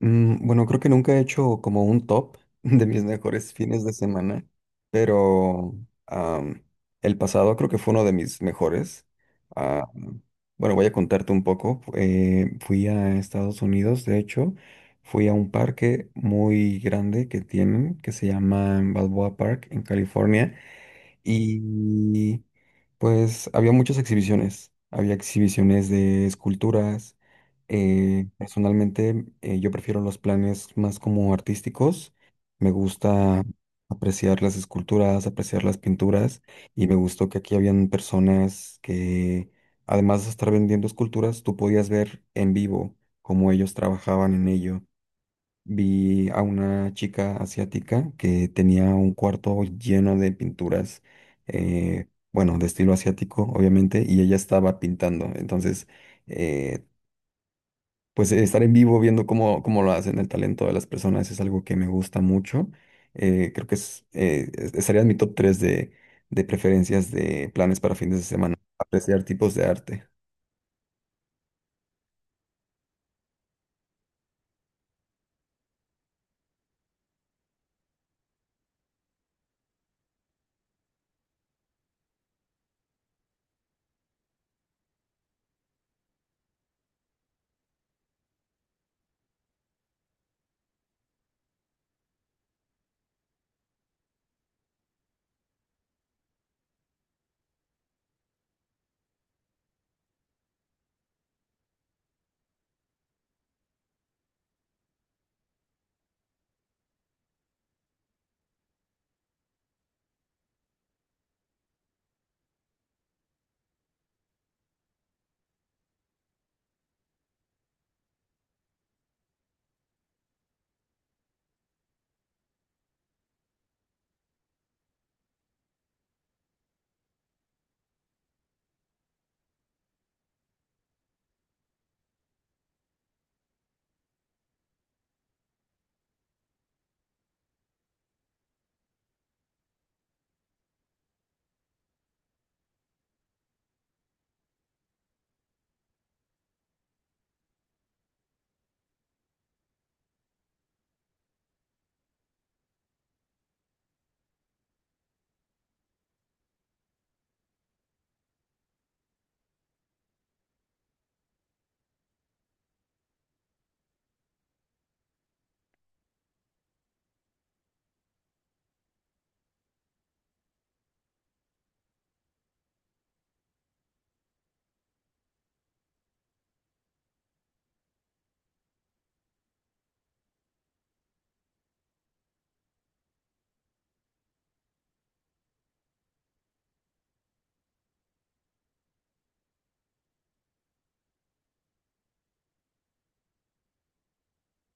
Bueno, creo que nunca he hecho como un top de mis mejores fines de semana, pero am, el pasado creo que fue uno de mis mejores. Ah, bueno, voy a contarte un poco. Fui a Estados Unidos, de hecho, fui a un parque muy grande que tienen, que se llama Balboa Park en California. Y pues había muchas exhibiciones. Había exhibiciones de esculturas. Personalmente, yo prefiero los planes más como artísticos. Me gusta apreciar las esculturas, apreciar las pinturas. Y me gustó que aquí habían personas que, además de estar vendiendo esculturas, tú podías ver en vivo cómo ellos trabajaban en ello. Vi a una chica asiática que tenía un cuarto lleno de pinturas, eh, bueno, de estilo asiático, obviamente, y ella estaba pintando. Entonces, eh, pues estar en vivo viendo cómo lo hacen, el talento de las personas es algo que me gusta mucho. Creo que es, estaría en mi top 3 de preferencias de planes para fines de semana, apreciar tipos de arte.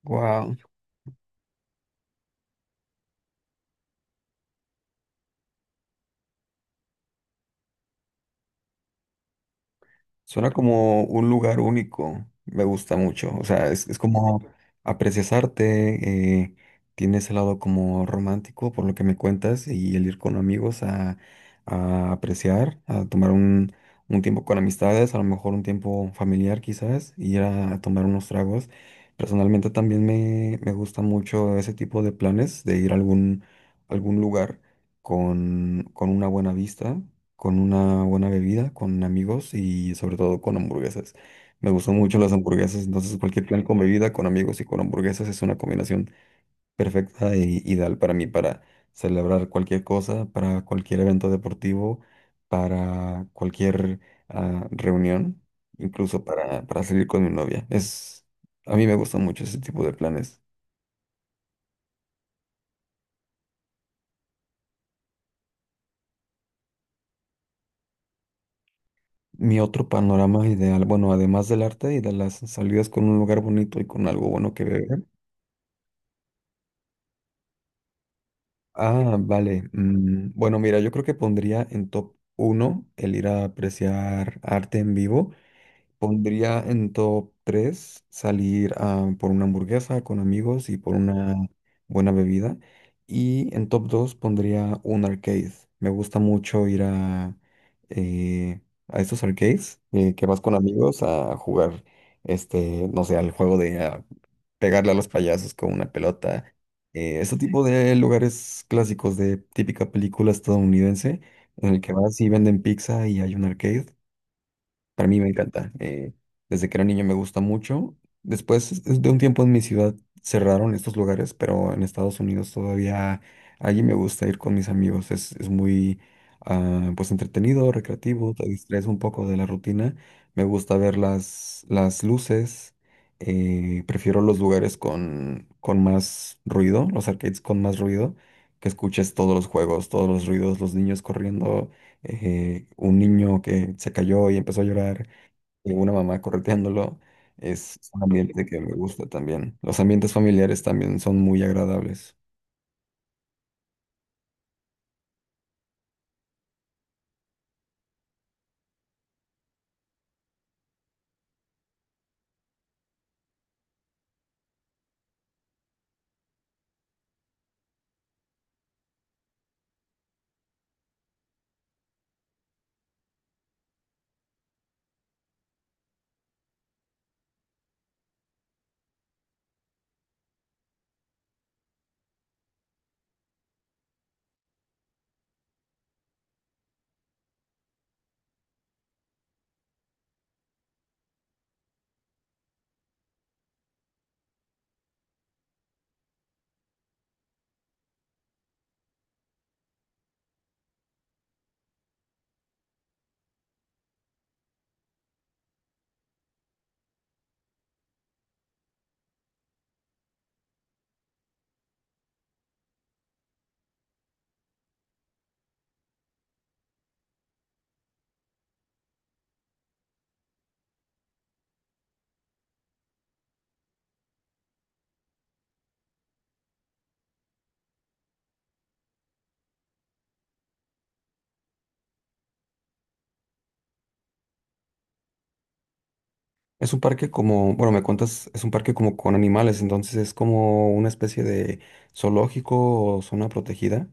Wow. Suena como un lugar único, me gusta mucho, o sea, es como aprecias arte, tiene ese lado como romántico por lo que me cuentas y el ir con amigos a apreciar, a tomar un tiempo con amistades, a lo mejor un tiempo familiar quizás, y ir a, tomar unos tragos. Personalmente también me gusta mucho ese tipo de planes, de ir a algún, algún lugar con una buena vista con una buena bebida, con amigos y sobre todo con hamburguesas. Me gustan mucho las hamburguesas, entonces cualquier plan con bebida, con amigos y con hamburguesas es una combinación perfecta e ideal para mí, para celebrar cualquier cosa, para cualquier evento deportivo, para cualquier reunión, incluso para salir con mi novia. Es, a mí me gustan mucho ese tipo de planes. Mi otro panorama ideal, bueno, además del arte y de las salidas con un lugar bonito y con algo bueno que beber. Ah, vale. Bueno, mira, yo creo que pondría en top uno el ir a apreciar arte en vivo. Pondría en top 3 salir a por una hamburguesa con amigos y por una buena bebida. Y en top 2 pondría un arcade. Me gusta mucho ir eh, a estos arcades que vas con amigos a jugar, este, no sé, al juego de pegarle a los payasos con una pelota. Este tipo de lugares clásicos de típica película estadounidense, en el que vas y venden pizza y hay un arcade. Para mí me encanta. Desde que era niño me gusta mucho. De un tiempo en mi ciudad cerraron estos lugares, pero en Estados Unidos todavía allí me gusta ir con mis amigos. Es muy pues entretenido, recreativo, te distraes un poco de la rutina. Me gusta ver las luces. Prefiero los lugares con más ruido, los arcades con más ruido, que escuches todos los juegos, todos los ruidos, los niños corriendo un niño que se cayó y empezó a llorar, y una mamá correteándolo, es un ambiente que me gusta también. Los ambientes familiares también son muy agradables. Es un parque como, bueno, me cuentas, es un parque como con animales, entonces es como una especie de zoológico o zona protegida.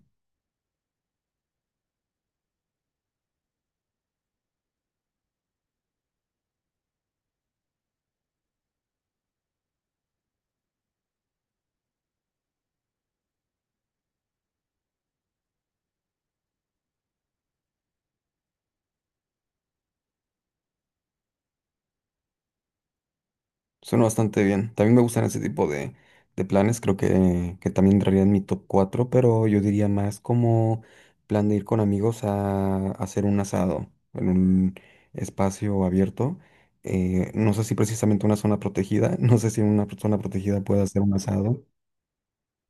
Suena bastante bien. También me gustan ese tipo de planes. Creo que también entraría en mi top 4 pero yo diría más como plan de ir con amigos a hacer un asado en un espacio abierto. No sé si precisamente una zona protegida. No sé si en una zona protegida puede hacer un asado.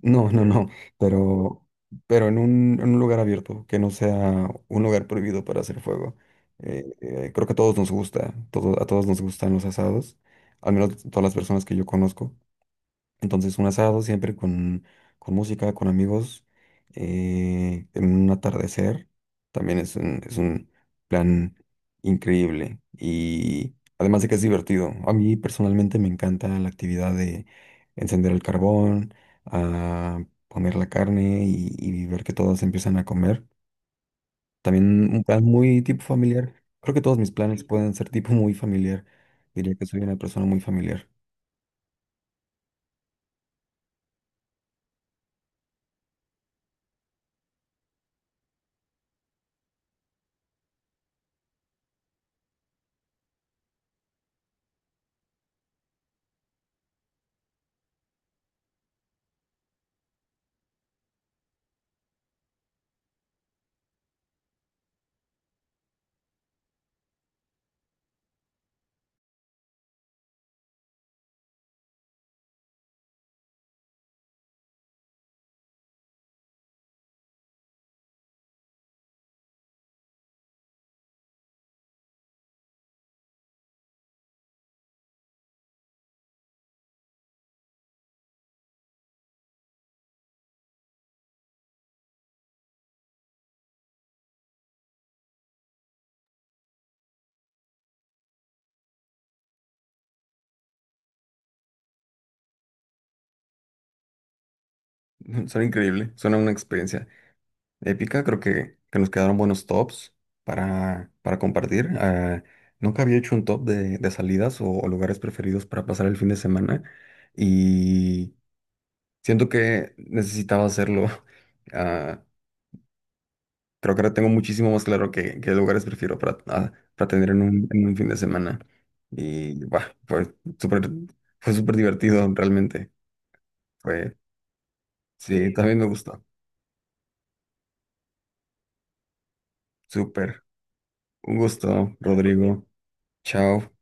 No, pero, pero en un lugar abierto, que no sea un lugar prohibido para hacer fuego. Creo que a todos nos gusta, a todos nos gustan los asados, al menos todas las personas que yo conozco. Entonces un asado siempre con música, con amigos, en un atardecer, también es un plan increíble. Y además de que es divertido, a mí personalmente me encanta la actividad de encender el carbón, a poner la carne y ver que todos empiezan a comer. También un plan muy tipo familiar. Creo que todos mis planes pueden ser tipo muy familiar. Diría que soy una persona muy familiar. Suena increíble, suena una experiencia épica. Creo que nos quedaron buenos tops para compartir. Nunca había hecho un top de salidas o lugares preferidos para pasar el fin de semana y siento que necesitaba hacerlo. Ah, Creo que ahora tengo muchísimo más claro qué, qué lugares prefiero para, para tener en un fin de semana. Y bueno, fue súper divertido realmente. Fue, sí, también me gustó. Súper. Un gusto, Rodrigo. Chao.